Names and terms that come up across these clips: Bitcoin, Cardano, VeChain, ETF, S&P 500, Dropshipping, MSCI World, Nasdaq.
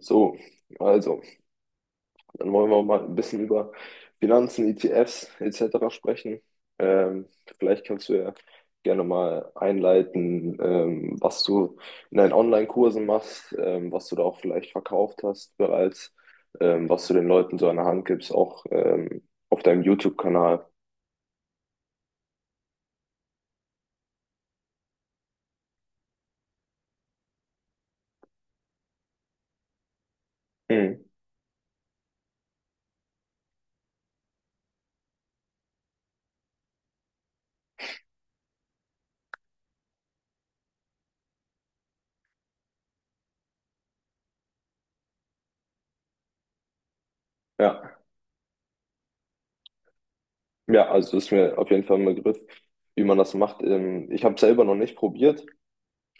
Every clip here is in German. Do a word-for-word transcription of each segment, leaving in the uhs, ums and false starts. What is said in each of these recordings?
So, also, dann wollen wir mal ein bisschen über Finanzen, E T Fs et cetera sprechen. Ähm, Vielleicht kannst du ja gerne mal einleiten, ähm, was du in deinen Online-Kursen machst, ähm, was du da auch vielleicht verkauft hast bereits, ähm, was du den Leuten so an der Hand gibst, auch ähm, auf deinem YouTube-Kanal. Mhm. Ja, ja, also ist mir auf jeden Fall ein Begriff, wie man das macht. Ähm, ich habe selber noch nicht probiert.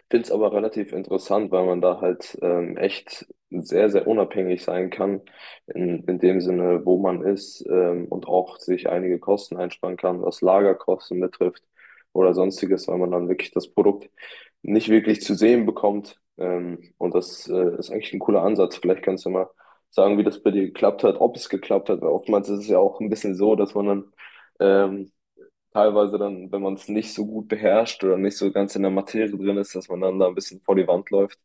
Finde es aber relativ interessant, weil man da halt ähm, echt sehr, sehr unabhängig sein kann, in, in dem Sinne, wo man ist ähm, und auch sich einige Kosten einsparen kann, was Lagerkosten betrifft oder sonstiges, weil man dann wirklich das Produkt nicht wirklich zu sehen bekommt. Ähm, und das äh, ist eigentlich ein cooler Ansatz. Vielleicht kannst du mal sagen, wie das bei dir geklappt hat, ob es geklappt hat, weil oftmals ist es ja auch ein bisschen so, dass man dann ähm, teilweise dann, wenn man es nicht so gut beherrscht oder nicht so ganz in der Materie drin ist, dass man dann da ein bisschen vor die Wand läuft.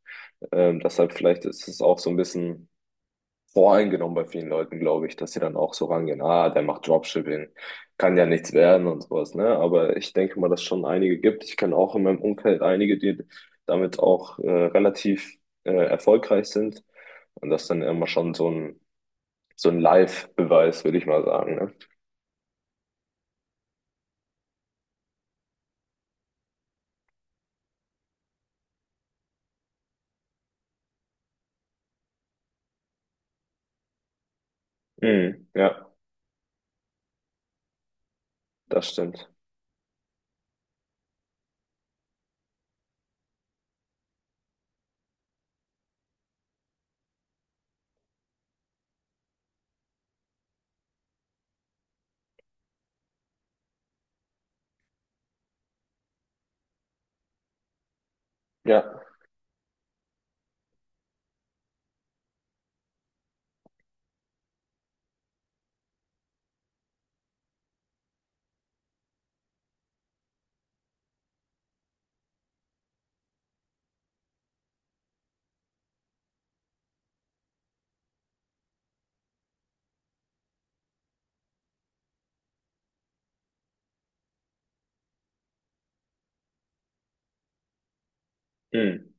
Ähm, deshalb vielleicht ist es auch so ein bisschen voreingenommen bei vielen Leuten, glaube ich, dass sie dann auch so rangehen, ah, der macht Dropshipping, kann ja nichts werden und sowas, ne? Aber ich denke mal, dass es schon einige gibt. Ich kenne auch in meinem Umfeld einige, die damit auch äh, relativ äh, erfolgreich sind. Und das ist dann immer schon so ein, so ein Live-Beweis, würde ich mal sagen, ne? Mhm, ja, das stimmt. Ja. Mhm.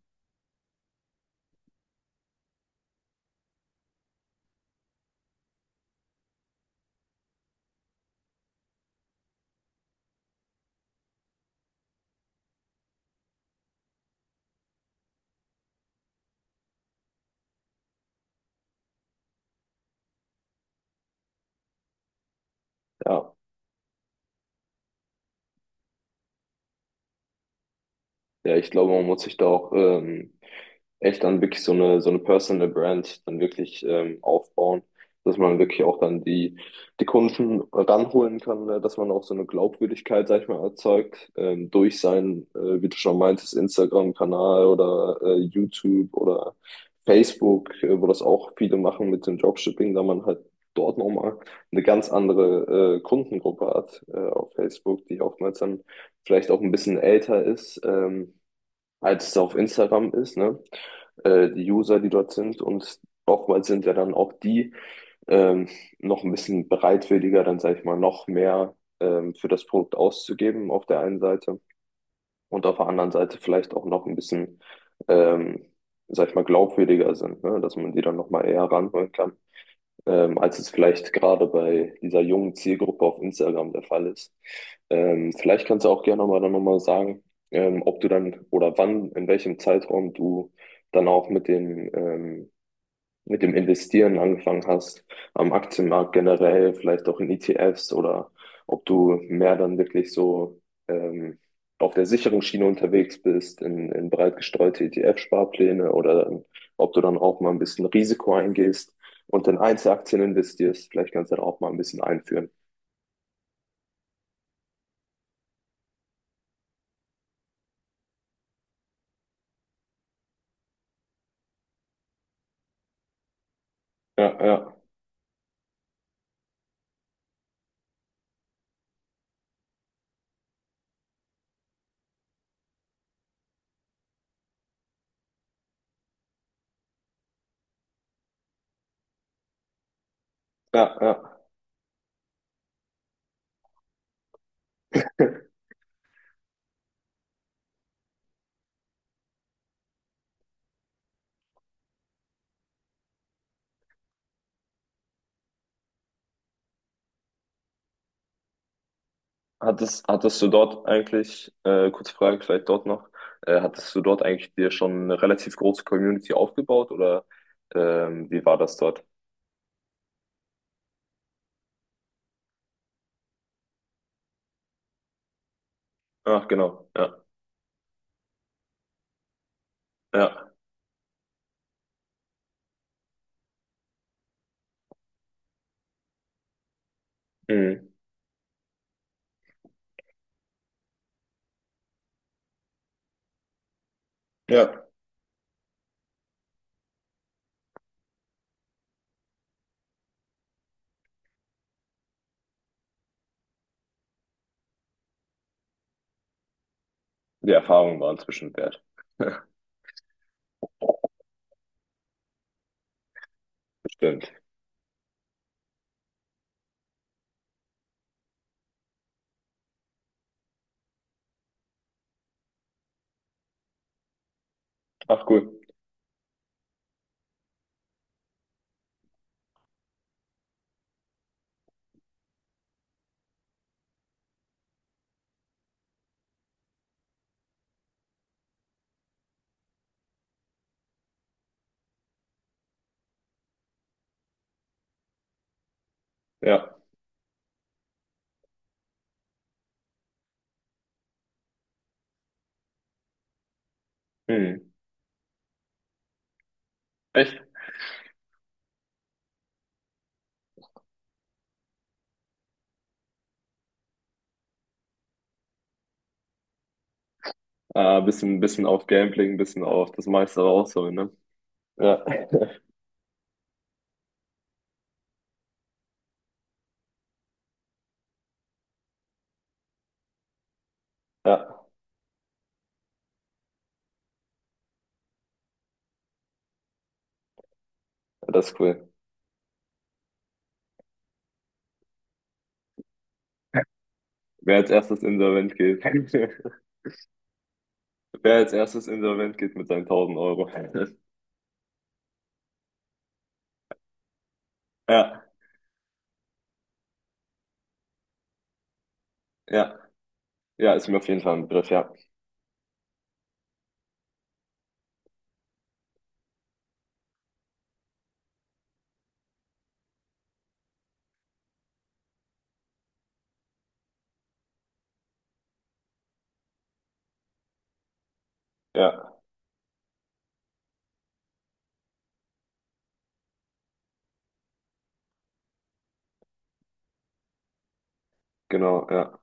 Ja. Ja, ich glaube, man muss sich da auch ähm, echt dann wirklich so eine, so eine Personal Brand dann wirklich ähm, aufbauen, dass man wirklich auch dann die, die Kunden ranholen kann, ne? Dass man auch so eine Glaubwürdigkeit, sag ich mal, erzeugt, ähm, durch seinen, äh, wie du schon meintest, Instagram-Kanal oder äh, YouTube oder Facebook, äh, wo das auch viele machen mit dem Dropshipping, da man halt dort nochmal eine ganz andere äh, Kundengruppe hat äh, auf Facebook, die oftmals dann vielleicht auch ein bisschen älter ist. Ähm, als es auf Instagram ist, ne? Äh, die User, die dort sind und oftmals sind ja dann auch die ähm, noch ein bisschen bereitwilliger, dann sage ich mal, noch mehr ähm, für das Produkt auszugeben auf der einen Seite und auf der anderen Seite vielleicht auch noch ein bisschen, ähm, sag ich mal, glaubwürdiger sind, ne? Dass man die dann noch mal eher ranholen kann ähm, als es vielleicht gerade bei dieser jungen Zielgruppe auf Instagram der Fall ist. Ähm, vielleicht kannst du auch gerne mal dann nochmal sagen, ähm, ob du dann oder wann, in welchem Zeitraum du dann auch mit den ähm, mit dem Investieren angefangen hast, am Aktienmarkt generell, vielleicht auch in E T Fs oder ob du mehr dann wirklich so ähm, auf der sicheren Schiene unterwegs bist, in, in breit gestreute E T F-Sparpläne oder ob du dann auch mal ein bisschen Risiko eingehst und in Einzelaktien investierst, vielleicht kannst du da auch mal ein bisschen einführen. Ja, ja, ja, ja. Hattest, hattest du dort eigentlich, äh, kurze Frage vielleicht dort noch, äh, hattest du dort eigentlich dir schon eine relativ große Community aufgebaut oder ähm, wie war das dort? Ach, genau, ja, ja, mhm. Ja, die Erfahrungen waren inzwischen wert. Bestimmt. Ach, cool, ja, mhm. Echt? Ah, bisschen, bisschen auf Gambling, bisschen auf das meiste rausholen, ne? Ja, ja, das ist cool. Wer als erstes insolvent geht, wer als erstes insolvent geht mit seinen tausend Euro. Ja, ja. Ja, ist mir auf jeden Fall ein Begriff, ja. Ja, genau, ja.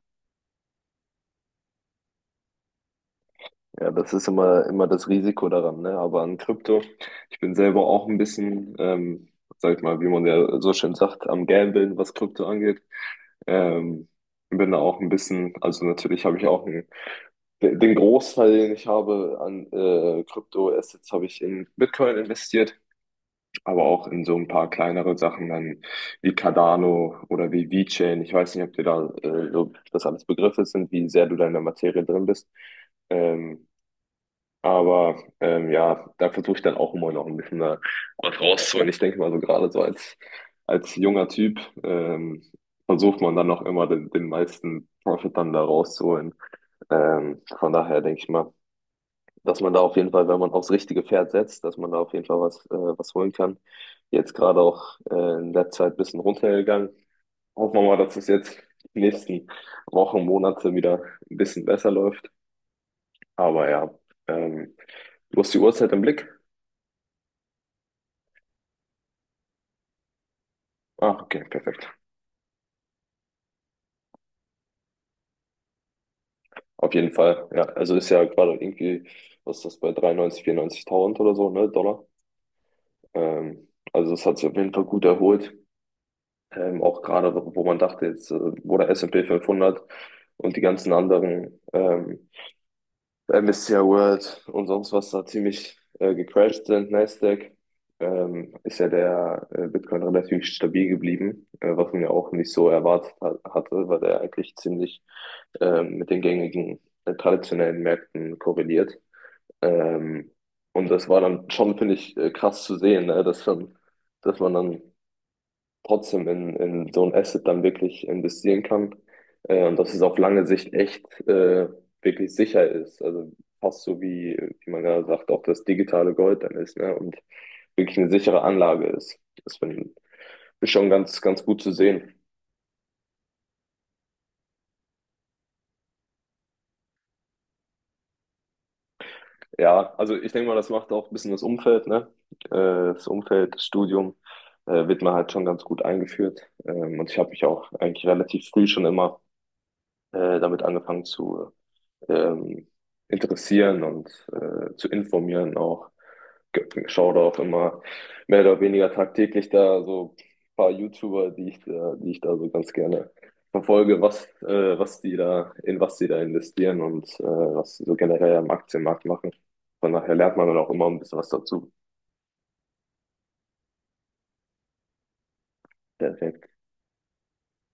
Ja, das ist immer, immer das Risiko daran, ne? Aber an Krypto, ich bin selber auch ein bisschen, ähm, sag ich mal, wie man ja so schön sagt, am Gambeln, was Krypto angeht. Ähm, Bin da auch ein bisschen, also natürlich habe ich auch einen, den Großteil, den ich habe an äh, Krypto-Assets, habe ich in Bitcoin investiert. Aber auch in so ein paar kleinere Sachen dann wie Cardano oder wie VeChain. Ich weiß nicht, ob dir da äh, so das alles Begriffe sind, wie sehr du da in der Materie drin bist. Ähm, aber ähm, ja, da versuche ich dann auch immer noch ein bisschen da was rauszuholen. Ich denke mal so gerade so als, als junger Typ ähm, versucht man dann noch immer den, den meisten Profit dann da rauszuholen. Ähm, von daher denke ich mal, dass man da auf jeden Fall, wenn man aufs richtige Pferd setzt, dass man da auf jeden Fall was, äh, was holen kann. Jetzt gerade auch äh, in der Zeit ein bisschen runtergegangen. Hoffen wir mal, dass es jetzt die nächsten Wochen, Monate wieder ein bisschen besser läuft. Aber ja, ähm, du hast die Uhrzeit im Blick? Ah, okay, perfekt. Auf jeden Fall. Ja, also ist ja gerade irgendwie, was ist das bei dreiundneunzig, vierundneunzigtausend oder so, ne, Dollar. Ähm, also das hat sich auf jeden Fall gut erholt. Ähm, auch gerade, wo wo man dachte, jetzt, äh, wo der S S&P fünfhundert und die ganzen anderen ähm, M S C I World und sonst was da ziemlich äh, gecrashed sind, Nasdaq, ähm, ist ja der äh, Bitcoin relativ stabil geblieben, äh, was man ja auch nicht so erwartet hat, hatte, weil der eigentlich ziemlich ähm, mit den gängigen äh, traditionellen Märkten korreliert. Ähm, und das war dann schon, finde ich, äh, krass zu sehen, ne? Dass dann, dass man dann trotzdem in, in so ein Asset dann wirklich investieren kann. Äh, und dass es auf lange Sicht echt äh, wirklich sicher ist. Also fast so wie, wie man gerade sagt, auch das digitale Gold dann ist, ne? Und wirklich eine sichere Anlage ist. Das finde ich schon ganz, ganz gut zu sehen. Ja, also ich denke mal, das macht auch ein bisschen das Umfeld, ne? Äh, Das Umfeld, das Studium äh, wird man halt schon ganz gut eingeführt. Ähm, und ich habe mich auch eigentlich relativ früh schon immer äh, damit angefangen zu ähm, interessieren und äh, zu informieren auch. Ge- Schaue da auch immer mehr oder weniger tagtäglich da so ein paar YouTuber, die ich da, die ich da so ganz gerne verfolge, was, äh, was die da, in was die da investieren und äh, was sie so generell am Aktienmarkt machen. Von daher lernt man dann auch immer ein bisschen was dazu. Perfekt.